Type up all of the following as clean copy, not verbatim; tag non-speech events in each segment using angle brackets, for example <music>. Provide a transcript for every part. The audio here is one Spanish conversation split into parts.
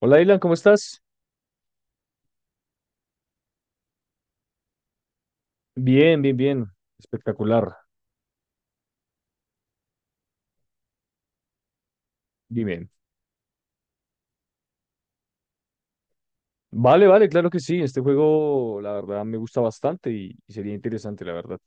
Hola, Dylan, ¿cómo estás? Bien, bien, bien. Espectacular. Dime. Vale, vale, claro que sí. Este juego, la verdad, me gusta bastante y sería interesante, la verdad.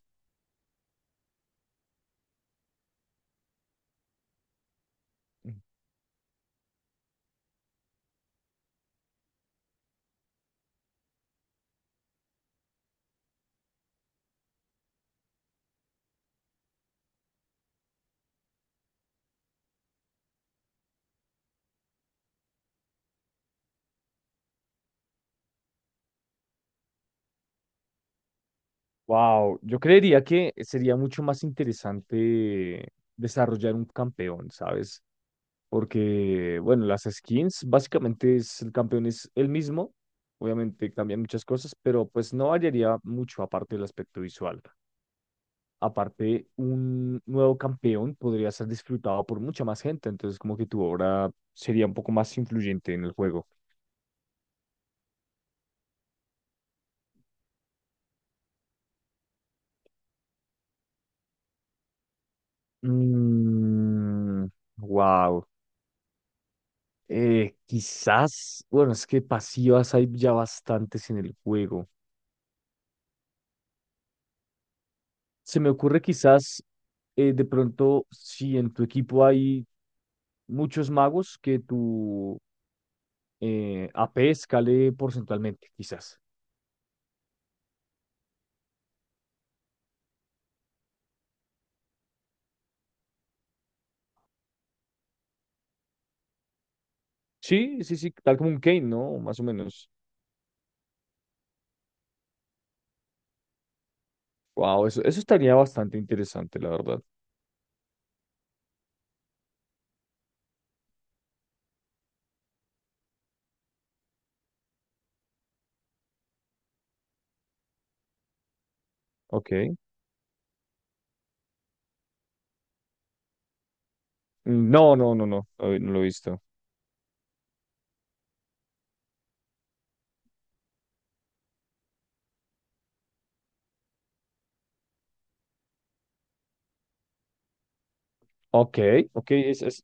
Wow, yo creería que sería mucho más interesante desarrollar un campeón, ¿sabes? Porque, bueno, las skins, básicamente es, el campeón es el mismo. Obviamente cambian muchas cosas, pero pues no variaría mucho aparte del aspecto visual. Aparte, un nuevo campeón podría ser disfrutado por mucha más gente, entonces como que tu obra sería un poco más influyente en el juego. Mm, wow. Quizás, bueno, es que pasivas hay ya bastantes en el juego. Se me ocurre quizás de pronto si en tu equipo hay muchos magos que tu AP escale porcentualmente, quizás. Sí, sí, sí, tal como un Kane, ¿no? Más o menos. Wow, eso estaría bastante interesante, la verdad. Ok. No, no, no, no, no, no lo he visto. Ok, ok, es...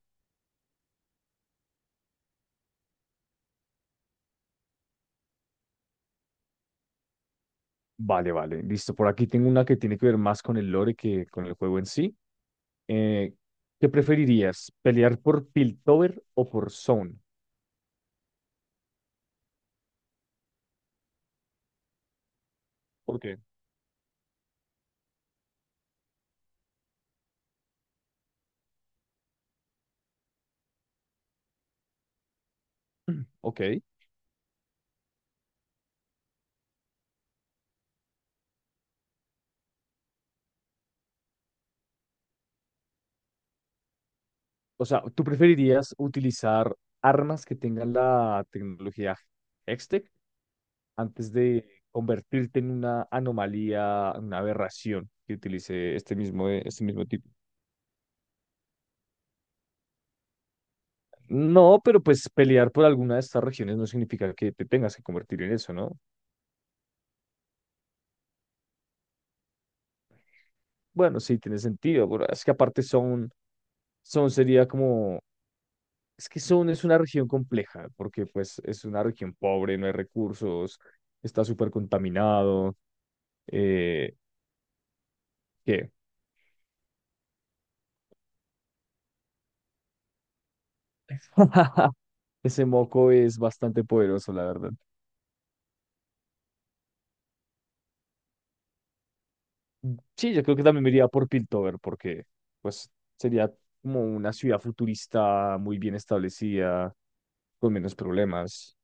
Vale, vale, listo. Por aquí tengo una que tiene que ver más con el lore que con el juego en sí. Eh, ¿Qué preferirías? ¿Pelear por Piltover o por Zone? ¿Por qué? <clears throat> Ok. O sea, ¿tú preferirías utilizar armas que tengan la tecnología Hextech antes de convertirte en una anomalía, una aberración que utilice este mismo tipo? No, pero pues pelear por alguna de estas regiones no significa que te tengas que convertir en eso, ¿no? Bueno, sí, tiene sentido, pero es que aparte son, son sería como, es que son es una región compleja, porque pues es una región pobre, no hay recursos, está súper contaminado, eh, ¿qué? <laughs> Ese moco es bastante poderoso, la verdad. Sí, yo creo que también me iría por Piltover porque pues sería como una ciudad futurista muy bien establecida, con menos problemas.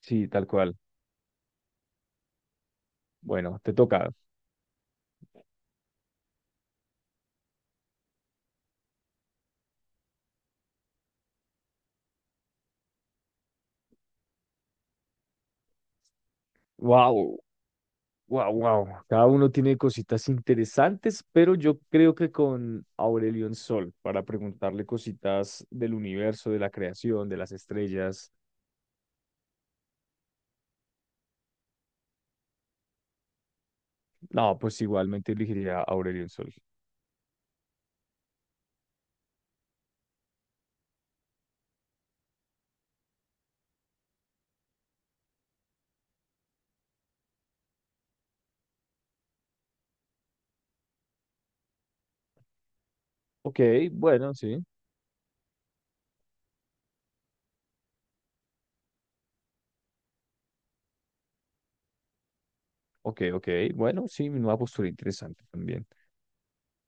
Sí, tal cual. Bueno, te toca. Wow, wow, wow. Cada uno tiene cositas interesantes, pero yo creo que con Aurelion Sol para preguntarle cositas del universo, de la creación, de las estrellas. No, pues igualmente elegiría a Aurelion Sol. Ok, bueno, sí. Ok, ok. Bueno, sí, una postura interesante también.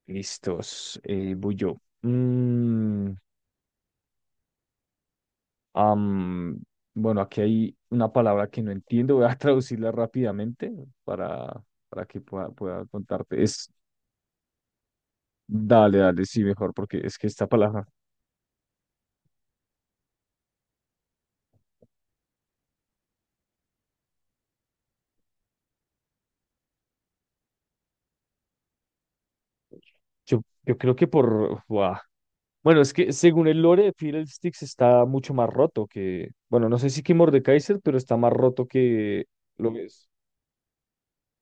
Listos, voy yo. Am, bueno, aquí hay una palabra que no entiendo, voy a <laughs> traducirla rápidamente para, para que pueda, pueda contarte. Es, dale, dale, sí, mejor, porque es que esta palabra, yo creo que por... buah. Bueno, es que según el lore, Fiddlesticks está mucho más roto que... Bueno, no sé si que Mordekaiser, pero está más roto que lo que es.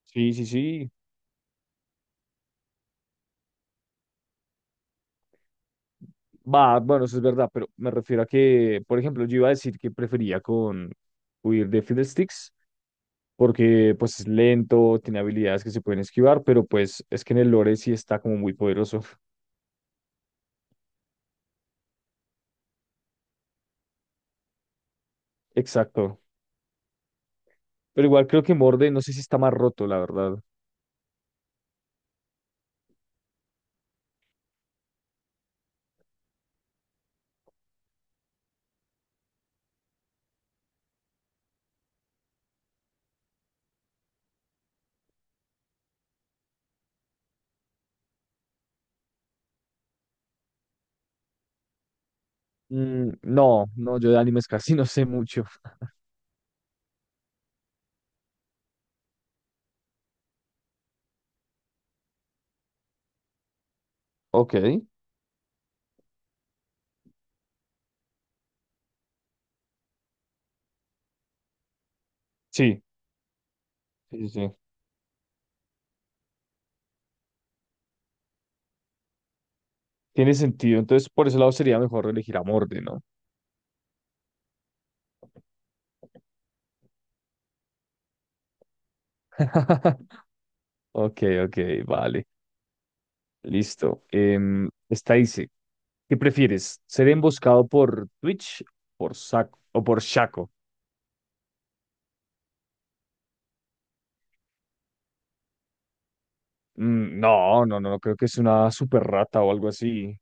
Sí, sí, sí. Va, bueno, eso es verdad, pero me refiero a que, por ejemplo, yo iba a decir que prefería con huir de Fiddlesticks, porque pues es lento, tiene habilidades que se pueden esquivar, pero pues es que en el lore sí está como muy poderoso. <laughs> Exacto. Pero igual creo que Morde, no sé si está más roto, la verdad. No, no, yo de animes casi <laughs> no sé mucho. Ok. Sí, sí, sí. Sí. Tiene sentido. Entonces, por ese lado sería mejor elegir a Morde, ¿no? <laughs> Ok, ok, vale. Listo. Esta dice, ¿qué prefieres? ¿Ser emboscado por Twitch por Saco, o por Shaco? No, no, no, creo que es una super rata o algo así.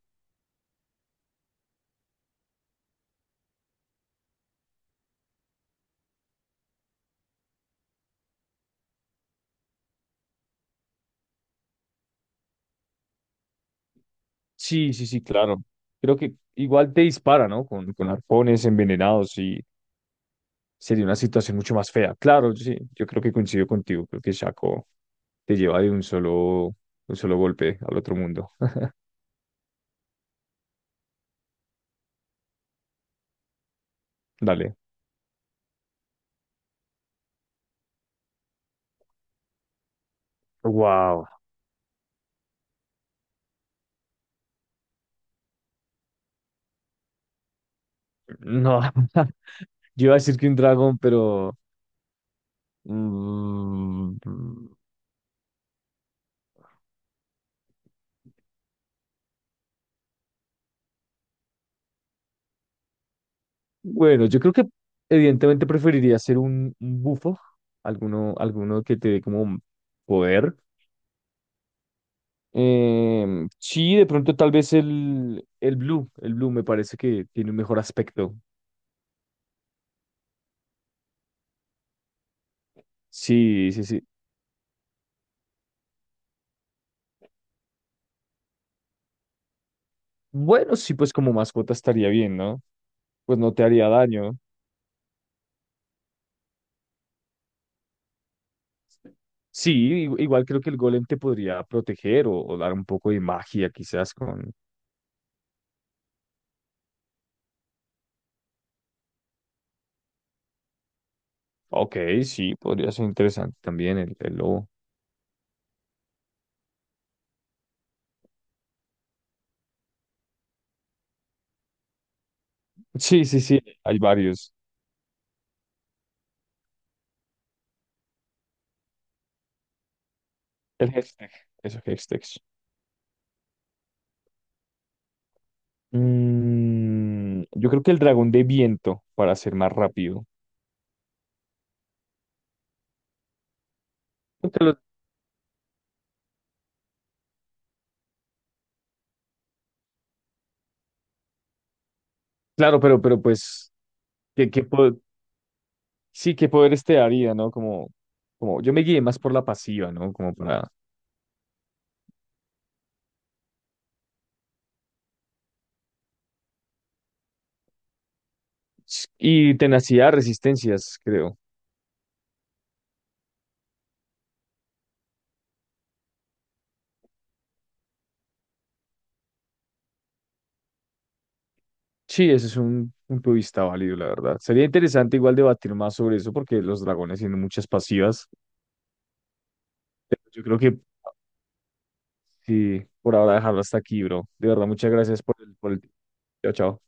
Sí, sí, sí, claro. Creo que igual te dispara, ¿no? Con arpones envenenados y sería una situación mucho más fea. Claro, sí, yo creo que coincido contigo. Creo que Shaco te lleva de un solo golpe al otro mundo. <laughs> Dale. Wow. No. <laughs> Yo iba a decir que un dragón, pero... Mm, bueno, yo creo que evidentemente preferiría ser un bufo, alguno, alguno que te dé como poder. Sí, de pronto tal vez el blue me parece que tiene un mejor aspecto. Sí, sí, sí. Bueno, sí, pues como mascota estaría bien, ¿no? Pues no te haría daño. Sí, igual creo que el golem te podría proteger o dar un poco de magia quizás con... Ok, sí, podría ser interesante también el lobo. Sí, sí, sí, hay varios. El hashtag, esos hashtags. Yo creo que el dragón de viento, para ser más rápido. Creo lo- Claro, pero, pues, ¿qué, sí, qué poderes te daría, ¿no? Como, como, yo me guié más por la pasiva, ¿no? Como para... Y tenacidad, resistencias, creo. Sí, ese es un punto de vista válido, la verdad. Sería interesante igual debatir más sobre eso, porque los dragones tienen muchas pasivas. Yo creo que sí, por ahora dejarlo hasta aquí, bro. De verdad, muchas gracias por por el... Chao, chao.